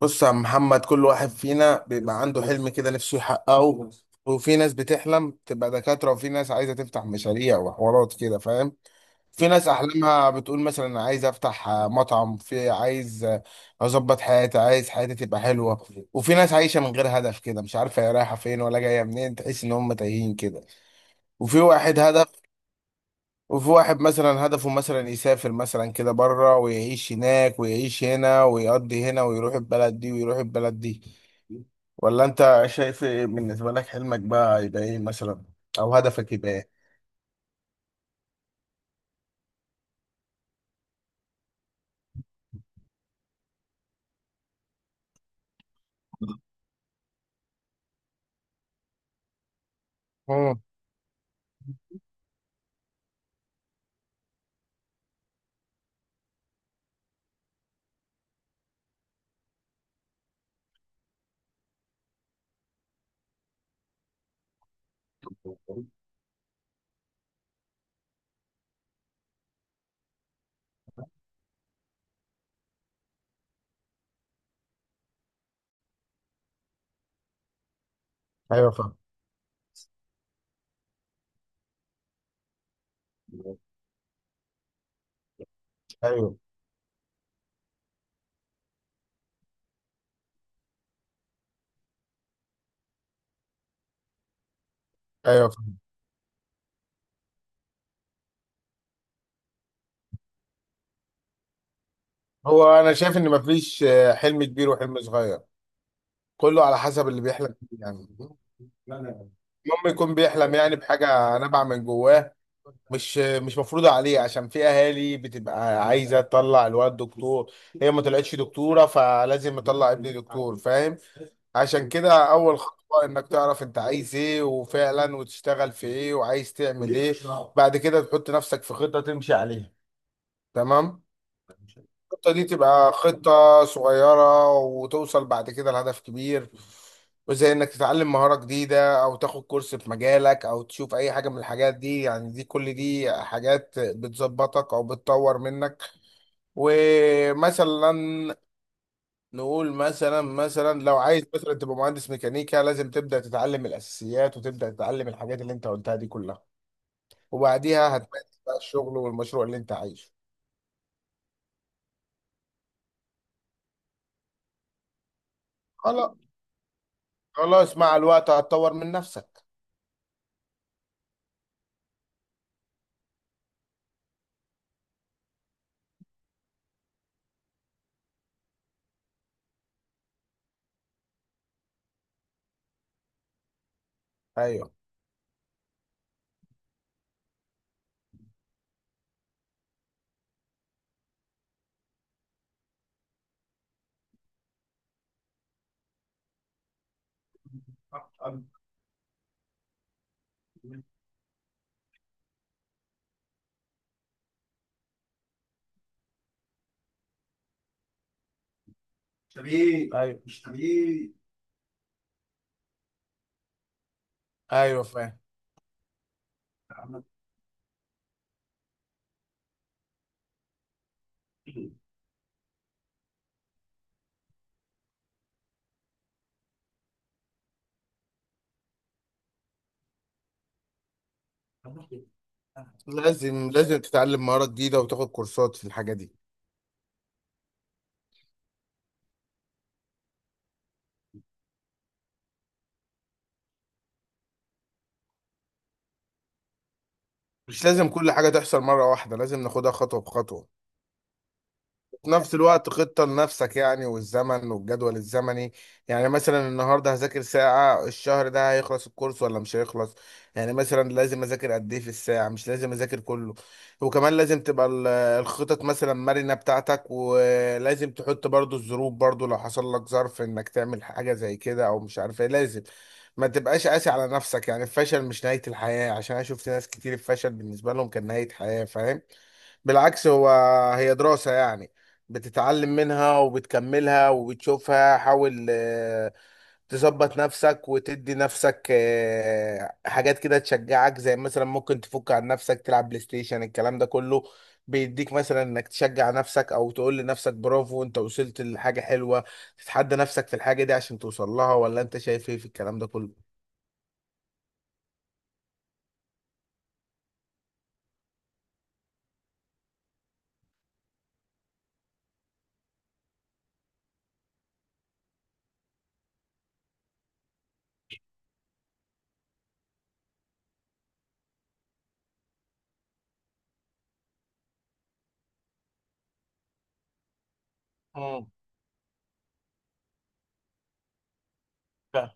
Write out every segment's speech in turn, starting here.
بص يا عم محمد، كل واحد فينا بيبقى عنده حلم كده نفسه يحققه. وفي ناس بتحلم تبقى دكاترة، وفي ناس عايزة تفتح مشاريع وحوارات كده، فاهم؟ في ناس أحلامها بتقول مثلا أنا عايز أفتح مطعم، في عايز أظبط حياتي، عايز حياتي تبقى حلوة. وفي ناس عايشة من غير هدف كده، مش عارفة هي رايحة فين ولا جاية منين، تحس إن هم تايهين كده. وفي واحد هدف، وفي واحد مثلا هدفه مثلا يسافر مثلا كده بره ويعيش هناك ويعيش هنا ويقضي هنا ويروح البلد دي ويروح البلد دي. ولا انت شايف ايه؟ بالنسبة لك حلمك بقى يبقى ايه مثلا؟ او هدفك يبقى ايه؟ مم. ايوه فاهم. ايوه. ايوه فاهم. هو انا شايف ان مفيش حلم كبير وحلم صغير، كله على حسب اللي بيحلم بيه يعني. المهم يكون بيحلم يعني بحاجة نابعة من جواه، مش مفروضة عليه، عشان في أهالي بتبقى عايزة تطلع الولد دكتور، هي ما طلعتش دكتورة فلازم تطلع ابني دكتور، فاهم؟ عشان كده أول خطوة إنك تعرف أنت عايز إيه وفعلا، وتشتغل في إيه وعايز تعمل إيه. بعد كده تحط نفسك في خطة تمشي عليها. تمام. الخطة دي تبقى خطة صغيرة وتوصل بعد كده لهدف كبير. وزي انك تتعلم مهارة جديدة او تاخد كورس في مجالك او تشوف اي حاجة من الحاجات دي، يعني دي كل دي حاجات بتظبطك او بتطور منك. ومثلا نقول مثلا لو عايز مثلا تبقى مهندس ميكانيكا، لازم تبدأ تتعلم الاساسيات وتبدأ تتعلم الحاجات اللي انت قلتها دي كلها. وبعديها هتمارس بقى الشغل والمشروع اللي انت عايشه. خلاص. خلاص مع الوقت هتطور من نفسك. ايوه. ايوه. ايوه فاهم. لازم، لازم تتعلم مهارة جديدة وتاخد كورسات في الحاجة دي. مش لازم كل حاجة تحصل مرة واحدة، لازم ناخدها خطوة بخطوة. في نفس الوقت خطة لنفسك يعني، والزمن والجدول الزمني. يعني مثلا النهاردة هذاكر ساعة، الشهر ده هيخلص الكورس ولا مش هيخلص؟ يعني مثلا لازم أذاكر قد إيه في الساعة، مش لازم أذاكر كله. وكمان لازم تبقى الخطط مثلا مرنة بتاعتك، ولازم تحط برضو الظروف برضو، لو حصل لك ظرف إنك تعمل حاجة زي كده أو مش عارف إيه، لازم ما تبقاش قاسي على نفسك. يعني الفشل مش نهاية الحياة، عشان أنا شفت ناس كتير الفشل بالنسبة لهم كان نهاية حياة، فاهم؟ بالعكس، هو هي دراسة يعني، بتتعلم منها وبتكملها وبتشوفها. حاول تظبط نفسك وتدي نفسك حاجات كده تشجعك، زي مثلا ممكن تفك عن نفسك تلعب بلاي ستيشن، الكلام ده كله بيديك مثلا انك تشجع نفسك او تقول لنفسك برافو انت وصلت لحاجة حلوة. تتحدى نفسك في الحاجة دي عشان توصل لها. ولا انت شايف ايه في الكلام ده كله؟ امم فاهم.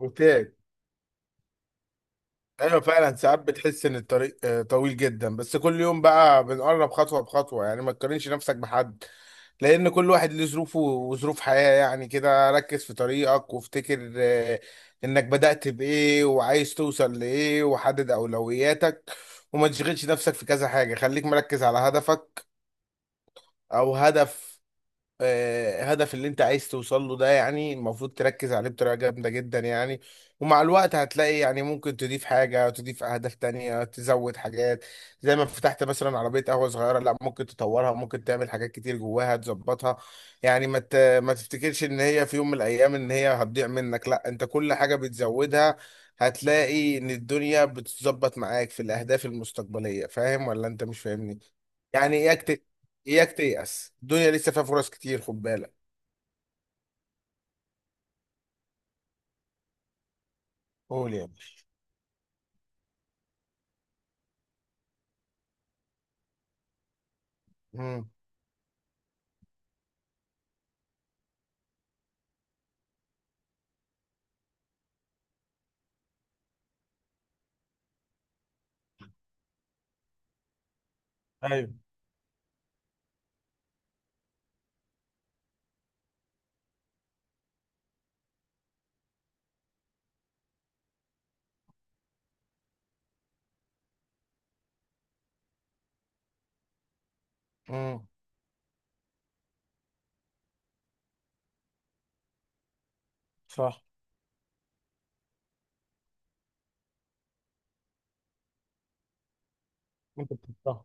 ممتاز. ايوه فعلا، ساعات بتحس ان الطريق طويل جدا، بس كل يوم بقى بنقرب خطوه بخطوه يعني. ما تقارنش نفسك بحد، لان كل واحد ليه ظروفه وظروف حياه يعني. كده ركز في طريقك وافتكر انك بدأت بايه وعايز توصل لايه، وحدد اولوياتك، وما تشغلش نفسك في كذا حاجه، خليك مركز على هدفك. او هدف هدف اللي انت عايز توصل له ده، يعني المفروض تركز عليه بطريقة جامدة جدا يعني. ومع الوقت هتلاقي يعني ممكن تضيف حاجة، تضيف أهداف تانية، تزود حاجات. زي ما فتحت مثلا عربية قهوة صغيرة، لا، ممكن تطورها، ممكن تعمل حاجات كتير جواها تظبطها. يعني ما تفتكرش ان هي في يوم من الأيام ان هي هتضيع منك، لا، انت كل حاجة بتزودها هتلاقي ان الدنيا بتتظبط معاك في الأهداف المستقبلية. فاهم ولا انت مش فاهمني؟ يعني ايه؟ اياك تيأس، الدنيا لسه فيها فرص كتير خد بالك. قول يا باشا. مم. ايوه. مم. صح. انت بتختار.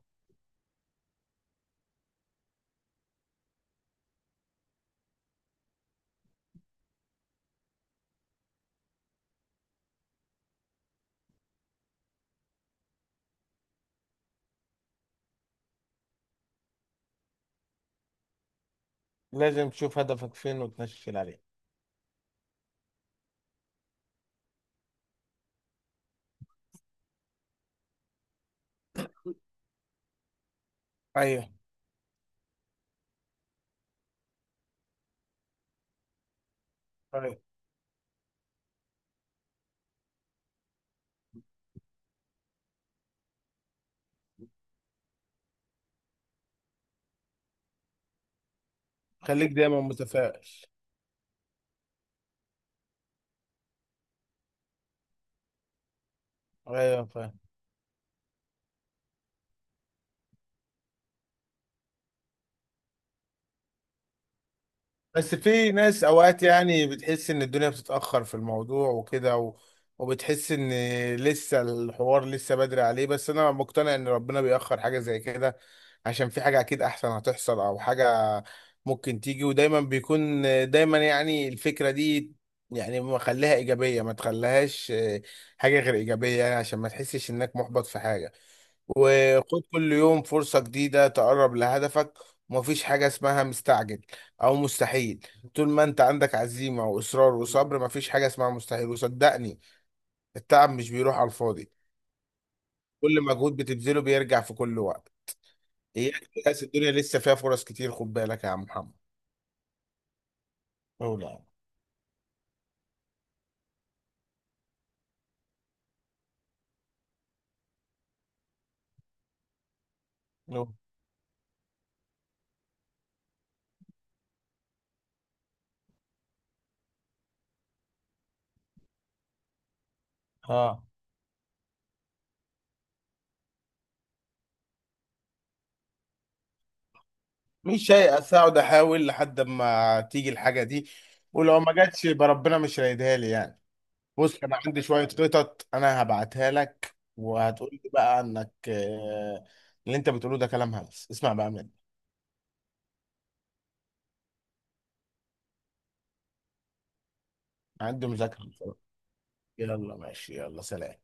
لازم تشوف هدفك فين وتنشل عليه. ايوه. ايوه خليك دايما متفائل. ايوه فاهم. بس في ناس اوقات يعني بتحس ان الدنيا بتتأخر في الموضوع وكده وبتحس ان لسه الحوار لسه بدري عليه، بس انا مقتنع ان ربنا بيأخر حاجة زي كده عشان في حاجة اكيد احسن هتحصل او حاجة ممكن تيجي. ودايما بيكون دايما يعني الفكرة دي يعني مخليها ايجابية، ما تخليهاش حاجة غير ايجابية يعني، عشان ما تحسش انك محبط في حاجة. وخد كل يوم فرصة جديدة تقرب لهدفك. ومفيش حاجة اسمها مستعجل أو مستحيل. طول ما أنت عندك عزيمة وإصرار وصبر، مفيش حاجة اسمها مستحيل، وصدقني التعب مش بيروح على الفاضي، كل مجهود بتبذله بيرجع في كل وقت. إياك تيأس، الدنيا لسه فيها فرص كتير خد بالك يا عم محمد. أولى. اه، مش هيأس، أقعد أحاول لحد ما تيجي الحاجة دي، ولو ما جاتش يبقى ربنا مش رايدها لي يعني. بص انا عندي شويه خطط انا هبعتها لك وهتقول لي بقى انك اللي انت بتقوله ده كلام هلس، اسمع بقى مني. عندي مذاكره بصراحة. يلا ماشي، يلا سلام.